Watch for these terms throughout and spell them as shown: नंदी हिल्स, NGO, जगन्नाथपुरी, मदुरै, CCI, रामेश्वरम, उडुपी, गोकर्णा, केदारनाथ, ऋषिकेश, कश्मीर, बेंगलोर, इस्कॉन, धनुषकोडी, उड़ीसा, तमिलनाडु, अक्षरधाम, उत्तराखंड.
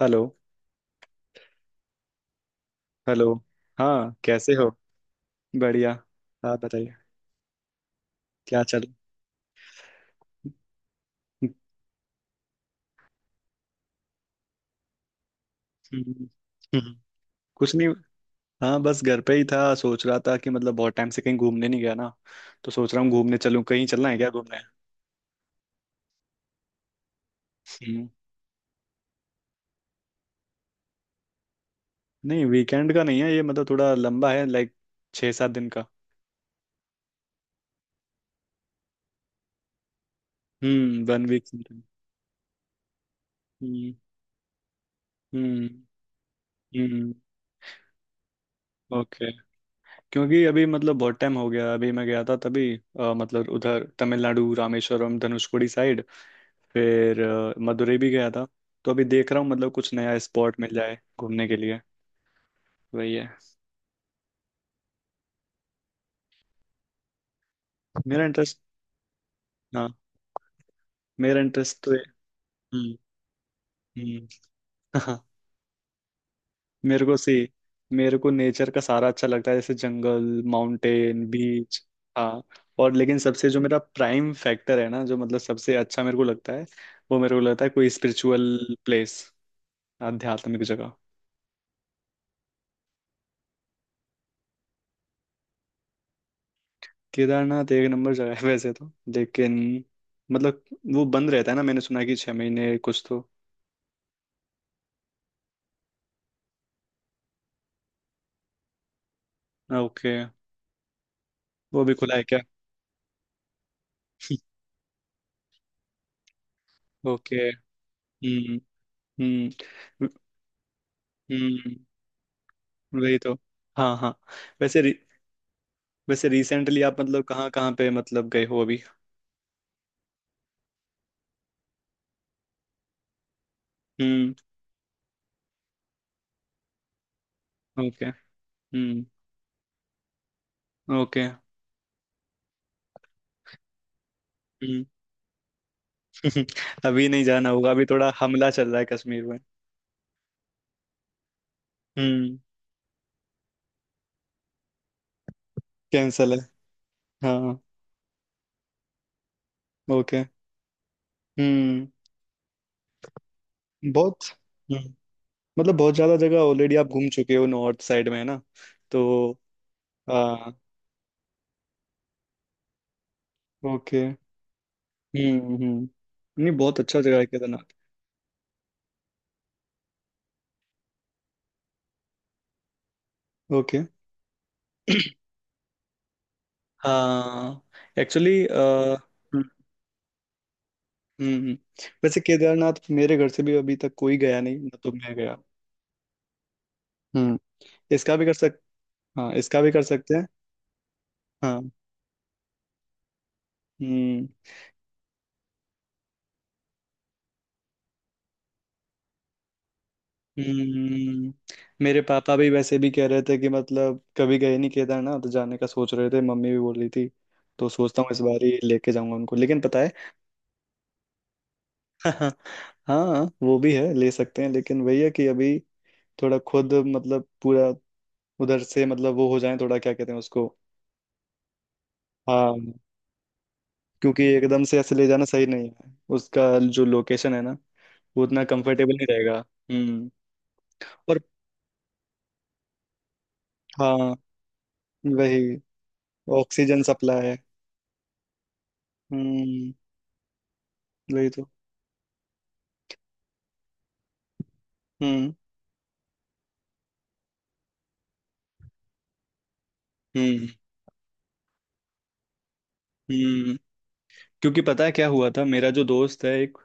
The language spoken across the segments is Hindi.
हेलो। हेलो। हाँ, कैसे हो? बढ़िया। हाँ, बताइए। क्या चल। हम्म। हम्म। कुछ नहीं। हाँ, बस घर पे ही था, सोच रहा था कि मतलब बहुत टाइम से कहीं घूमने नहीं गया ना, तो सोच रहा हूँ घूमने चलूँ। कहीं चलना है क्या घूमने? हम्म, नहीं, वीकेंड का नहीं है ये। मतलब थोड़ा लंबा है, लाइक 6-7 दिन का। One week something. हम्म। हम्म। हम्म। ओके। क्योंकि अभी मतलब बहुत टाइम हो गया, अभी मैं गया था तभी मतलब उधर तमिलनाडु रामेश्वरम धनुषकोडी साइड। फिर मदुरै भी गया था। तो अभी देख रहा हूँ मतलब कुछ नया स्पॉट मिल जाए घूमने के लिए। वही है। मेरा इंटरेस्ट? हाँ। मेरा इंटरेस्ट तो हम्म। हम्म। हाँ, मेरे को सी मेरे को नेचर का सारा अच्छा लगता है, जैसे जंगल, माउंटेन, बीच। हाँ। और लेकिन सबसे जो मेरा प्राइम फैक्टर है ना, जो मतलब सबसे अच्छा मेरे को लगता है, वो मेरे को लगता है कोई स्पिरिचुअल प्लेस, आध्यात्मिक जगह। केदारनाथ एक नंबर जगह है वैसे तो। लेकिन मतलब वो बंद रहता है ना, मैंने सुना है कि 6 महीने कुछ तो। ओके। वो भी खुला है क्या? ओके। हम्म। हम्म। हम्म। वही तो। हाँ, हाँ। वैसे रि, वैसे रिसेंटली आप मतलब कहाँ कहाँ पे मतलब गए हो अभी? हम्म। ओके। हम्म। ओके। हम्म। अभी नहीं जाना होगा, अभी थोड़ा हमला चल रहा है कश्मीर में। हम्म। कैंसल है। हाँ। ओके। हम्म। बहुत। हम्म। मतलब बहुत ज्यादा जगह ऑलरेडी आप घूम चुके हो नॉर्थ साइड में, है ना? तो हाँ। ओके। हम्म। हम्म। नहीं, बहुत अच्छा जगह है केदारनाथ। ओके। हाँ, एक्चुअली हम्म, हम्म, वैसे केदारनाथ मेरे घर से भी अभी तक कोई गया नहीं ना, तो मैं गया। हम्म। इसका भी कर सक हाँ, इसका भी कर सकते हैं। हाँ। हम्म। हम्म। मेरे पापा भी वैसे भी कह रहे थे कि मतलब कभी गए नहीं केदारनाथ, तो जाने का सोच रहे थे, मम्मी भी बोल रही थी। तो सोचता हूँ इस बार ही लेके जाऊंगा उनको, लेकिन पता है। हाँ, वो भी है, ले सकते हैं, लेकिन वही है कि अभी थोड़ा खुद मतलब पूरा उधर से मतलब वो हो जाए, थोड़ा क्या कहते हैं उसको। हाँ, क्योंकि एकदम से ऐसे ले जाना सही नहीं है उसका। जो लोकेशन है ना, वो उतना कंफर्टेबल नहीं रहेगा। हम्म। और हाँ, वही, ऑक्सीजन सप्लाई है। हम्म। वही तो। हम्म। हम्म। हम्म। क्योंकि पता है क्या हुआ था, मेरा जो दोस्त है एक,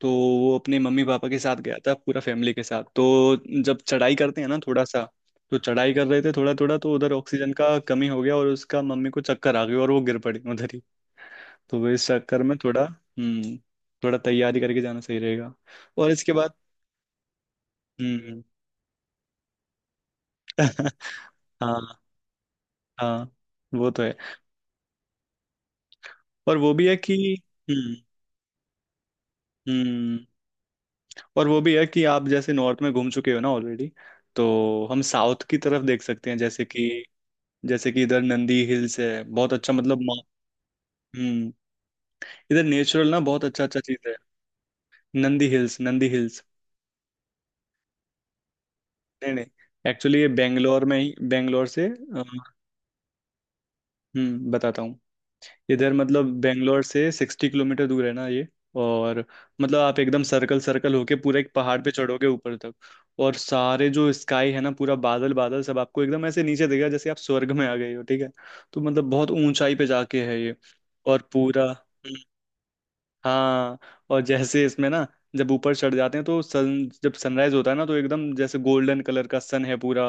तो वो अपने मम्मी पापा के साथ गया था पूरा फैमिली के साथ। तो जब चढ़ाई करते हैं ना थोड़ा सा, तो चढ़ाई कर रहे थे थोड़ा थोड़ा, तो उधर ऑक्सीजन का कमी हो गया और उसका मम्मी को चक्कर आ गया और वो गिर पड़ी उधर ही। तो वो इस चक्कर में थोड़ा थोड़ा तैयारी करके जाना सही रहेगा। और इसके बाद हम्म। हाँ, हाँ। वो तो है। और वो भी है कि हम्म, हम्म, और वो भी है कि आप जैसे नॉर्थ में घूम चुके हो ना ऑलरेडी, तो हम साउथ की तरफ देख सकते हैं। जैसे कि इधर नंदी हिल्स है, बहुत अच्छा, मतलब हम्म। इधर नेचुरल ना बहुत अच्छा अच्छा चीज है। नंदी हिल्स, नंदी हिल्स। नहीं नहीं, एक्चुअली ये बेंगलोर में ही, बताता हूँ। इधर मतलब बेंगलोर से 60 किलोमीटर दूर है ना ये। और मतलब आप एकदम सर्कल सर्कल होके पूरा एक पहाड़ पे चढ़ोगे ऊपर तक। और सारे जो स्काई है ना, पूरा बादल बादल सब आपको एकदम ऐसे नीचे देगा, जैसे आप स्वर्ग में आ गए हो, ठीक है? तो मतलब बहुत ऊंचाई पे जाके है ये। और पूरा हाँ, और जैसे इसमें ना, जब ऊपर चढ़ जाते हैं तो सन जब सनराइज होता है ना, तो एकदम जैसे गोल्डन कलर का सन है पूरा,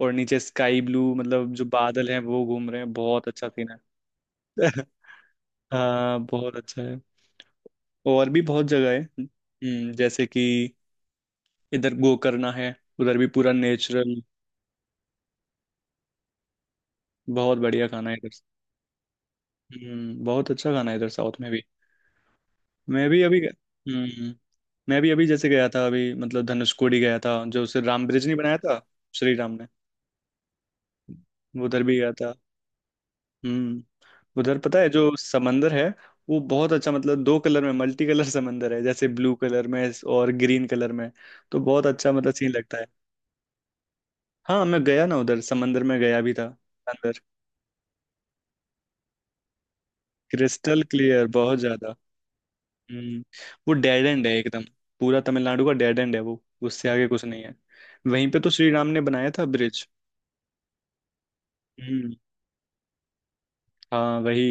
और नीचे स्काई ब्लू, मतलब जो बादल हैं वो घूम रहे हैं, बहुत अच्छा सीन है। हाँ, बहुत अच्छा। और भी बहुत जगह है जैसे कि इधर गोकर्णा है, उधर भी पूरा नेचुरल। बहुत बढ़िया खाना है इधर। बहुत अच्छा खाना है इधर साउथ में भी। मैं भी अभी हम्म मैं भी अभी जैसे गया था, अभी मतलब धनुषकोडी गया था, जो उसे राम ब्रिज नहीं बनाया था श्री राम ने, वो उधर भी गया था। हम्म उधर पता है जो समंदर है, वो बहुत अच्छा, मतलब दो कलर में, मल्टी कलर समंदर है, जैसे ब्लू कलर में और ग्रीन कलर में। तो बहुत अच्छा मतलब सीन लगता है। हाँ, मैं गया ना उधर, समंदर में गया भी था अंदर। क्रिस्टल क्लियर, बहुत ज्यादा। हम्म वो डेड एंड है एकदम। पूरा तमिलनाडु का डेड एंड है वो। उससे आगे कुछ नहीं है। वहीं पे तो श्री राम ने बनाया था ब्रिज। हम्म। हाँ, वही।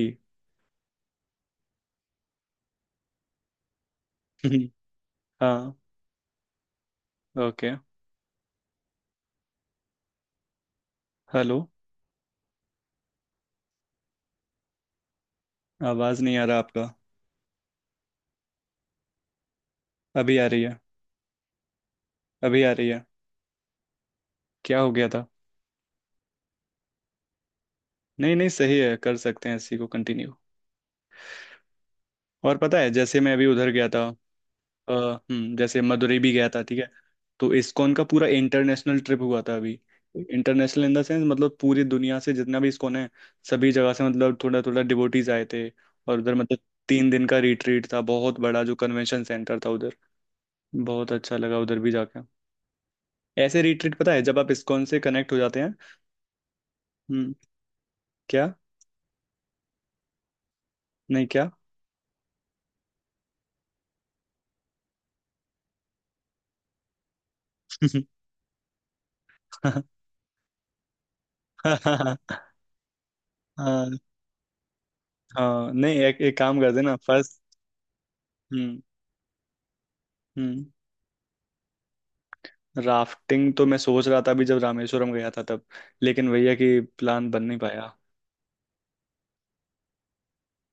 हाँ। ओके। हेलो, आवाज नहीं आ रहा आपका। अभी आ रही है। अभी आ रही है। क्या हो गया था? नहीं नहीं, सही है, कर सकते हैं इसी को कंटिन्यू। और पता है, जैसे मैं अभी उधर गया था, जैसे मदुरई भी गया था, ठीक है? तो इस्कॉन का पूरा इंटरनेशनल ट्रिप हुआ था अभी। इंटरनेशनल इन द सेंस मतलब पूरी दुनिया से जितना भी इस्कॉन है, सभी जगह से मतलब थोड़ा थोड़ा डिवोटीज आए थे और उधर मतलब 3 दिन का रिट्रीट था, बहुत बड़ा जो कन्वेंशन सेंटर था उधर। बहुत अच्छा लगा उधर भी जाकर। ऐसे रिट्रीट पता है, जब आप इस्कॉन से कनेक्ट हो जाते हैं। हम्म। क्या? नहीं, क्या? हाँ, हाँ, हाँ, नहीं, एक काम कर देना फर्स्ट। हम्म। हम्म। राफ्टिंग तो मैं सोच रहा था अभी जब रामेश्वरम गया था तब, लेकिन भैया कि प्लान बन नहीं पाया।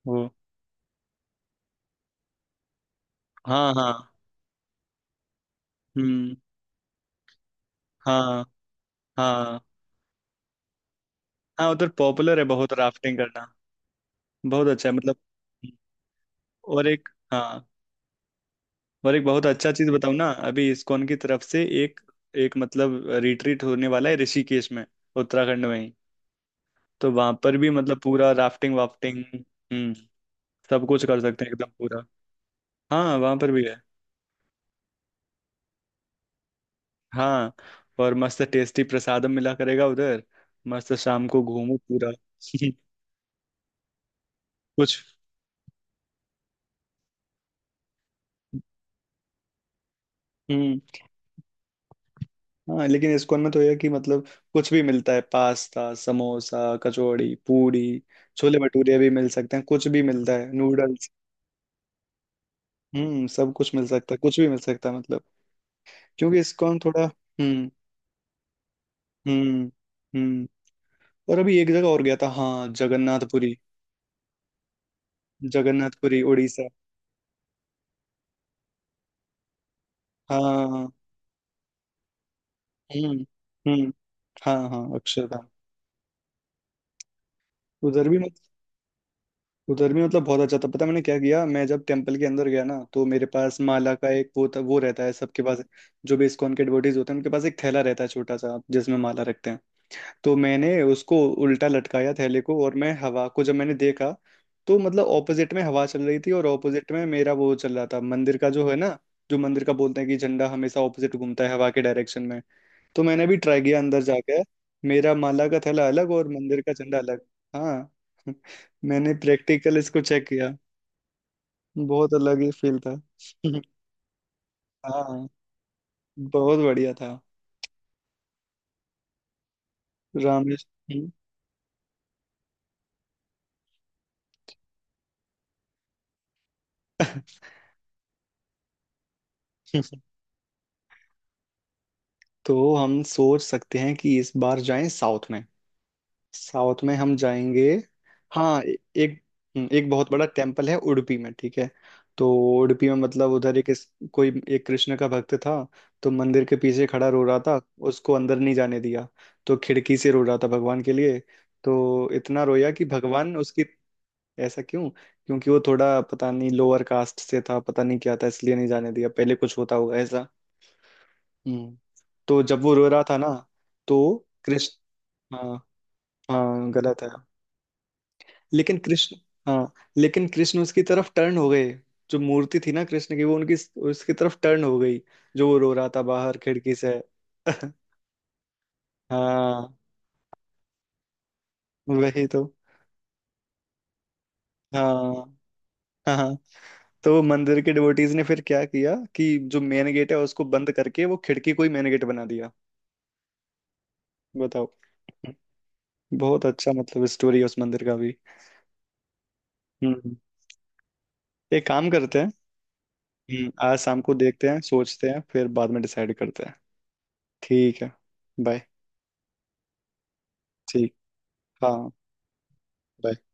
वो हाँ, हाँ। हम्म। हाँ, हाँ, हाँ। उधर पॉपुलर है बहुत राफ्टिंग करना। बहुत अच्छा है मतलब। और एक हाँ, और एक बहुत अच्छा चीज बताऊँ ना। अभी इस्कॉन की तरफ से एक एक मतलब रिट्रीट होने वाला है ऋषिकेश में, उत्तराखंड में ही। तो वहां पर भी मतलब पूरा राफ्टिंग वाफ्टिंग सब कुछ कर सकते हैं एकदम पूरा। हाँ, वहां पर भी है। हाँ, और मस्त टेस्टी प्रसादम मिला करेगा उधर, मस्त शाम को घूमो पूरा। कुछ। हम्म। हाँ, लेकिन इस्कॉन में तो यह कि मतलब कुछ भी मिलता है, पास्ता, समोसा, कचौड़ी पूरी, छोले भटूरे भी मिल सकते हैं, कुछ भी मिलता है, नूडल्स। सब कुछ मिल सकता है, कुछ भी मिल सकता है मतलब। क्योंकि इस्कॉन थोड़ा। हम्म। हम्म। हम्म। और अभी एक जगह और गया था, हाँ, जगन्नाथपुरी। जगन्नाथपुरी उड़ीसा। हाँ। हम्म। हम्म। हाँ, हाँ, अक्षरधाम। उधर भी, उधर भी मतलब बहुत अच्छा था। पता है मैंने क्या किया? मैं जब टेम्पल के अंदर गया ना, तो मेरे पास माला का एक वो था, वो रहता है सबके पास, जो भी इस्कॉन के डिवोटीज होते हैं उनके पास एक थैला रहता है छोटा सा, जिसमें माला रखते हैं। तो मैंने उसको उल्टा लटकाया थैले को, और मैं हवा को जब मैंने देखा, तो मतलब ऑपोजिट में हवा चल रही थी और ऑपोजिट में मेरा वो चल रहा था मंदिर का, जो है ना, जो मंदिर का बोलते हैं कि झंडा हमेशा ऑपोजिट घूमता है हवा के डायरेक्शन में। तो मैंने भी ट्राई किया अंदर जाकर, मेरा माला का थैला अलग और मंदिर का झंडा अलग। हाँ। मैंने प्रैक्टिकल इसको चेक किया। बहुत अलग ही फील था। हाँ, बहुत बढ़िया था। रामेश। तो हम सोच सकते हैं कि इस बार जाएं साउथ में। साउथ में हम जाएंगे। हाँ, ए- एक एक बहुत बड़ा टेम्पल है उडुपी में, ठीक है? तो उडुपी में मतलब उधर कोई एक कृष्ण का भक्त था, तो मंदिर के पीछे खड़ा रो रहा था, उसको अंदर नहीं जाने दिया, तो खिड़की से रो रहा था भगवान के लिए। तो इतना रोया कि भगवान उसकी। ऐसा क्यों? क्योंकि वो थोड़ा पता नहीं लोअर कास्ट से था, पता नहीं क्या था, इसलिए नहीं जाने दिया, पहले कुछ होता होगा ऐसा। हम्म तो जब वो रो रहा था ना, तो कृष्ण। हाँ, हाँ, गलत है, लेकिन कृष्ण, हाँ, लेकिन कृष्ण उसकी तरफ टर्न हो गए। जो मूर्ति थी ना कृष्ण की, वो उनकी उसकी तरफ टर्न हो गई, जो वो रो रहा था बाहर खिड़की से। हाँ, वही तो। हाँ, हाँ, हाँ। तो मंदिर के डिवोटीज ने फिर क्या किया कि जो मेन गेट है उसको बंद करके वो खिड़की को ही मेन गेट बना दिया। बताओ। बहुत अच्छा मतलब स्टोरी है उस मंदिर का भी। हम्म। एक काम करते हैं। आज शाम को देखते हैं, सोचते हैं, फिर बाद में डिसाइड करते हैं। ठीक है, बाय। ठीक। हाँ। bye।